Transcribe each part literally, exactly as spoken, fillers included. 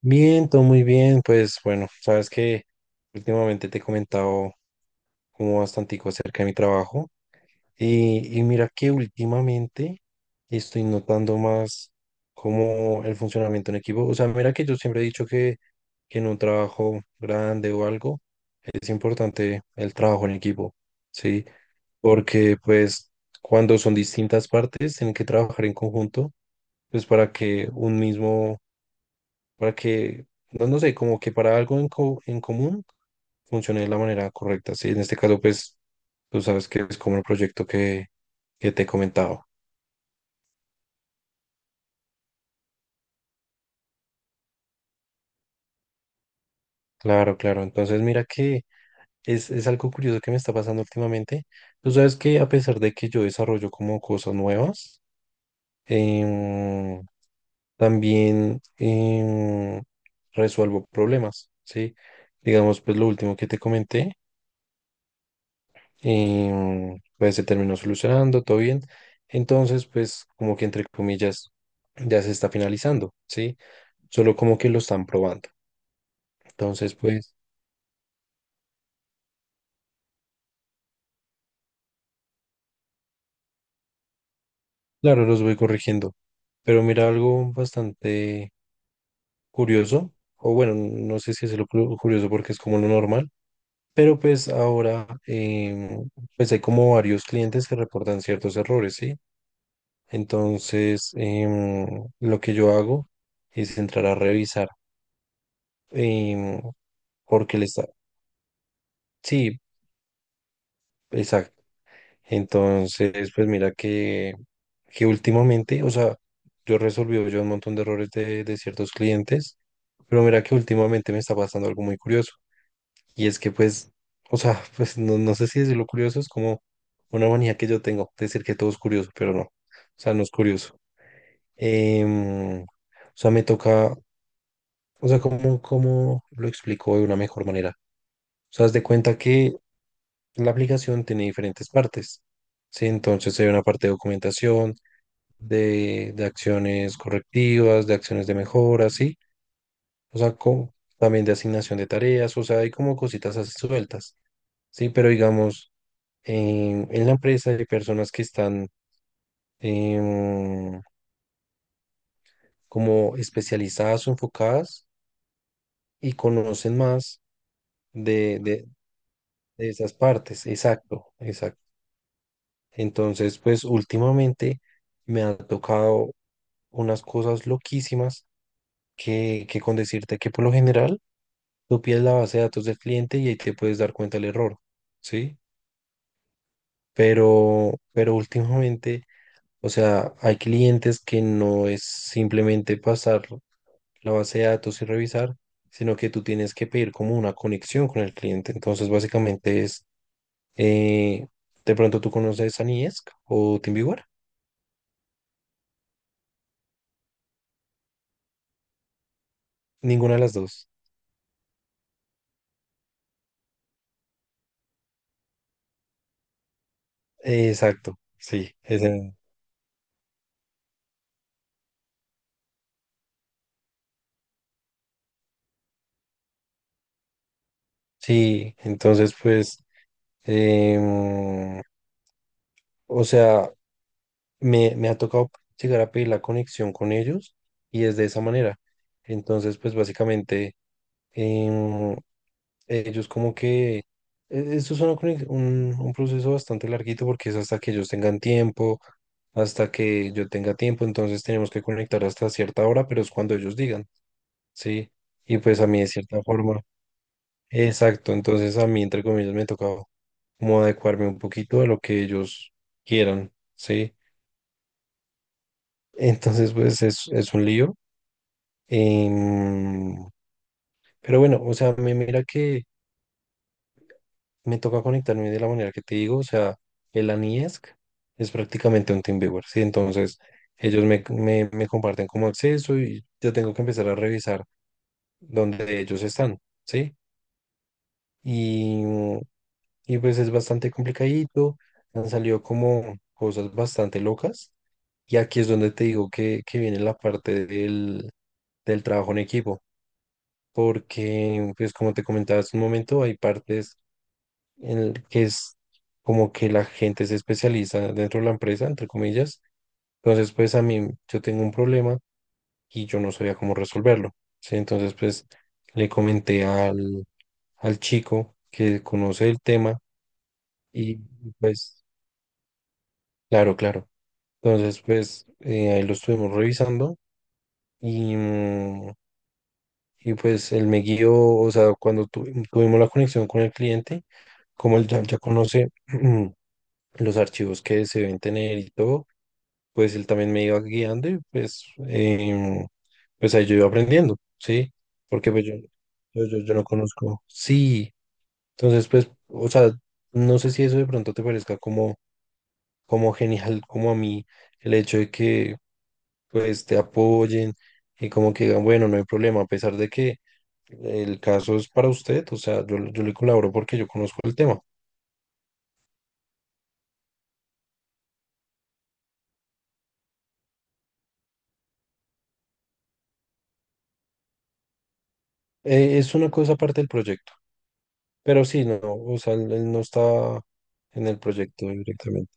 Bien, todo muy bien. Pues bueno, sabes que últimamente te he comentado como bastantico acerca de mi trabajo y, y mira que últimamente estoy notando más como el funcionamiento en equipo. O sea, mira que yo siempre he dicho que, que en un trabajo grande o algo es importante el trabajo en equipo, ¿sí? Porque pues cuando son distintas partes tienen que trabajar en conjunto, pues para que un mismo para que, no, no sé, como que para algo en, co- en común funcione de la manera correcta. Sí, en este caso, pues, tú sabes que es como el proyecto que, que te he comentado. Claro, claro. Entonces, mira que es, es algo curioso que me está pasando últimamente. Tú sabes que a pesar de que yo desarrollo como cosas nuevas, em, también em, resuelvo problemas, ¿sí? Digamos, pues lo último que te comenté Y mm, pues se terminó solucionando, todo bien. Entonces, pues como que entre comillas ya se está finalizando, ¿sí? Solo como que lo están probando. Entonces, pues claro, los voy corrigiendo. Pero mira algo bastante curioso, o bueno, no sé si es lo cu- curioso porque es como lo normal, pero pues ahora em, pues hay como varios clientes que reportan ciertos errores, ¿sí? Entonces, em, lo que yo hago es entrar a revisar. em, Porque le está... Sí, exacto. Entonces, pues mira que, que últimamente, o sea, yo resolví yo un montón de errores de, de ciertos clientes, pero mira que últimamente me está pasando algo muy curioso. Y es que pues, o sea, pues no, no sé si decirlo curioso es como una manía que yo tengo, decir que todo es curioso, pero no. O sea, no es curioso. Em, o sea, me toca, o sea, ¿cómo, cómo lo explico de una mejor manera? O sea, haz de cuenta que la aplicación tiene diferentes partes, ¿sí? Entonces hay una parte de documentación, de, de acciones correctivas, de acciones de mejora, ¿sí? O sea, co- también de asignación de tareas, o sea, hay como cositas así sueltas, ¿sí? Pero digamos, en, en la empresa hay personas que están em, como especializadas o enfocadas y conocen más de, de, de esas partes, exacto, exacto. Entonces, pues últimamente me ha tocado unas cosas loquísimas que, que con decirte que por lo general tú pides la base de datos del cliente y ahí te puedes dar cuenta del error, ¿sí? Pero, pero últimamente, o sea, hay clientes que no es simplemente pasar la base de datos y revisar, sino que tú tienes que pedir como una conexión con el cliente. Entonces, básicamente es, eh, de pronto tú conoces a Niesc o TeamViewer, ninguna de las dos. Exacto, sí, esa- sí, entonces pues... Em, o sea, me, me ha tocado llegar a pedir la conexión con ellos y es de esa manera. Entonces, pues básicamente, em, ellos como que, e- esto es una conex- un, un proceso bastante larguito porque es hasta que ellos tengan tiempo, hasta que yo tenga tiempo, entonces tenemos que conectar hasta cierta hora, pero es cuando ellos digan, ¿sí? Y pues a mí de cierta forma. Exacto, entonces a mí, entre comillas, me tocaba como adecuarme un poquito a lo que ellos quieran, ¿sí? Entonces, pues es, es un lío. em, pero bueno, o sea, me mira que me toca conectarme de la manera que te digo, o sea, el ANIESC es prácticamente un TeamViewer, ¿sí? Entonces, ellos me, me, me comparten como acceso y yo tengo que empezar a revisar dónde ellos están, ¿sí? Y, y pues es bastante complicadito, han salido como cosas bastante locas y aquí es donde te digo que, que viene la parte del, del trabajo en equipo, porque pues como te comentaba hace un momento, hay partes en el que es como que la gente se especializa dentro de la empresa, entre comillas, entonces pues a mí yo tengo un problema y yo no sabía cómo resolverlo, ¿sí? Entonces pues le comenté al, al chico que conoce el tema y pues claro, claro. Entonces, pues eh, ahí lo estuvimos revisando y, mm, y pues él me guió, o sea, cuando tu- tuvimos la conexión con el cliente, como él ya, ya conoce los archivos que se deben tener y todo, pues él también me iba guiando y pues, em, pues ahí yo iba aprendiendo, ¿sí? Porque pues yo, yo, yo, yo no conozco. Sí, entonces pues, o sea, no sé si eso de pronto te parezca como, como genial, como a mí, el hecho de que pues te apoyen y como que digan, bueno, no hay problema, a pesar de que el caso es para usted, o sea, yo, yo le colaboro porque yo conozco el tema. Eh, es una cosa aparte del proyecto, pero sí, no, o sea, él, él no está en el proyecto directamente.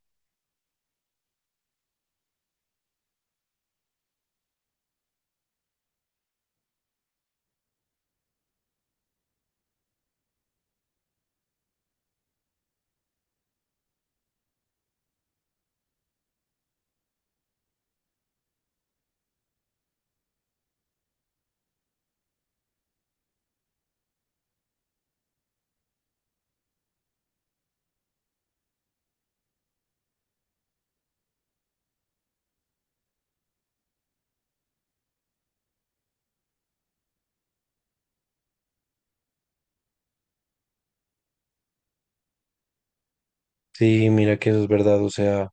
Sí, mira que eso es verdad, o sea,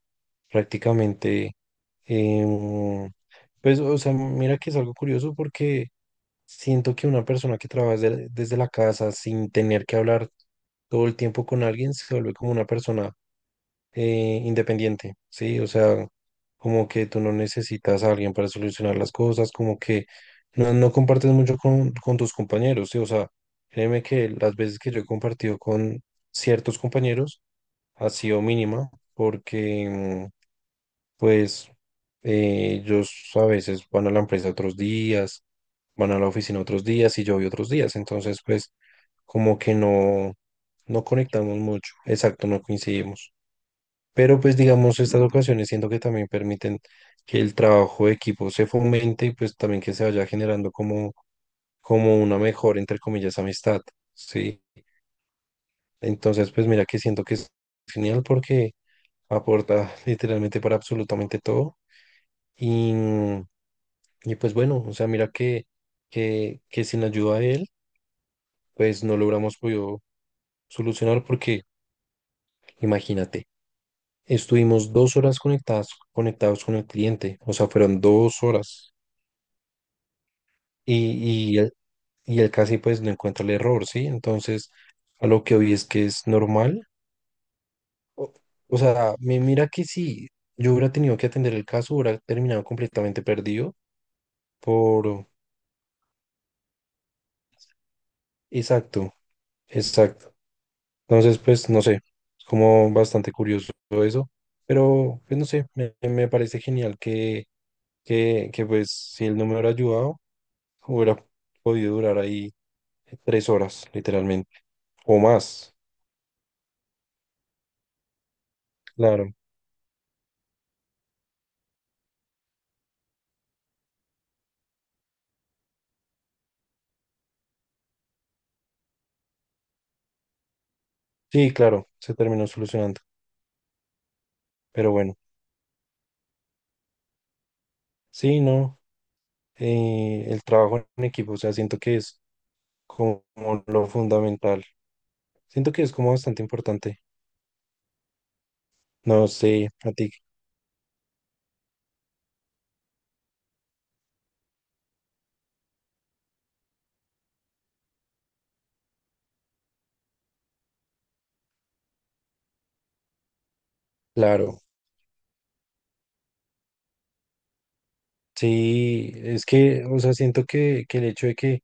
prácticamente, em, pues, o sea, mira que es algo curioso porque siento que una persona que trabaja desde desde la casa sin tener que hablar todo el tiempo con alguien se vuelve como una persona eh, independiente, ¿sí? O sea, como que tú no necesitas a alguien para solucionar las cosas, como que no, no compartes mucho con, con tus compañeros, ¿sí? O sea, créeme que las veces que yo he compartido con ciertos compañeros ha sido mínima, porque mm, pues eh, ellos a veces van a la empresa otros días, van a la oficina otros días y yo voy otros días, entonces pues como que no, no conectamos mucho, exacto, no coincidimos. Pero pues digamos, estas ocasiones siento que también permiten que el trabajo de equipo se fomente y pues también que se vaya generando como, como una mejor, entre comillas, amistad, ¿sí? Entonces, pues mira que siento que es genial porque aporta literalmente para absolutamente todo y, y pues bueno, o sea, mira que, que, que sin la ayuda de él, pues no logramos podido solucionar porque imagínate, estuvimos dos horas conectadas, conectados con el cliente, o sea, fueron dos horas. y, y, él, y él casi pues no encuentra el error, ¿sí? Entonces, a lo que hoy es que es normal. O, o sea, me mira que si yo hubiera tenido que atender el caso, hubiera terminado completamente perdido por... Exacto, exacto. Entonces, pues, no sé, es como bastante curioso todo eso, pero, pues, no sé, me, me parece genial que, que, que, pues, si él no me hubiera ayudado, hubiera podido durar ahí tres horas, literalmente, o más, claro. Sí, claro, se terminó solucionando. Pero bueno, sí, no, eh, el trabajo en equipo, o sea, siento que es como lo fundamental. Siento que es como bastante importante. No sé, a ti, claro. Sí, es que, o sea, siento que, que el hecho de que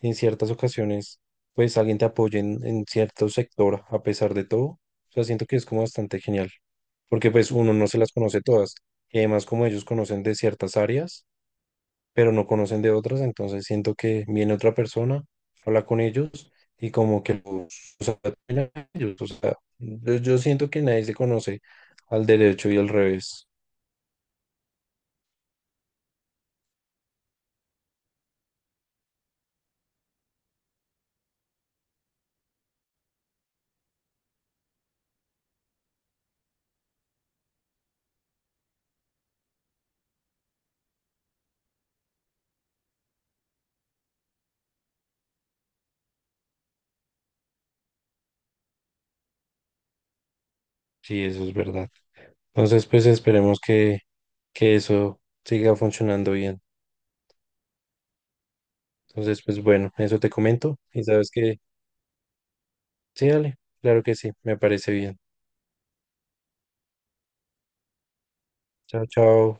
en ciertas ocasiones, pues alguien te apoye en, en cierto sector, a pesar de todo, o sea, siento que es como bastante genial. Porque pues uno no se las conoce todas. Y además, como ellos conocen de ciertas áreas pero no conocen de otras, entonces siento que viene otra persona, habla con ellos y como que los los apoya a ellos, o sea, yo, yo siento que nadie se conoce al derecho y al revés, sí, eso es verdad. Entonces, pues esperemos que, que eso siga funcionando bien. Entonces, pues bueno, eso te comento y sabes que sí, dale, claro que sí, me parece bien. Chao, chao.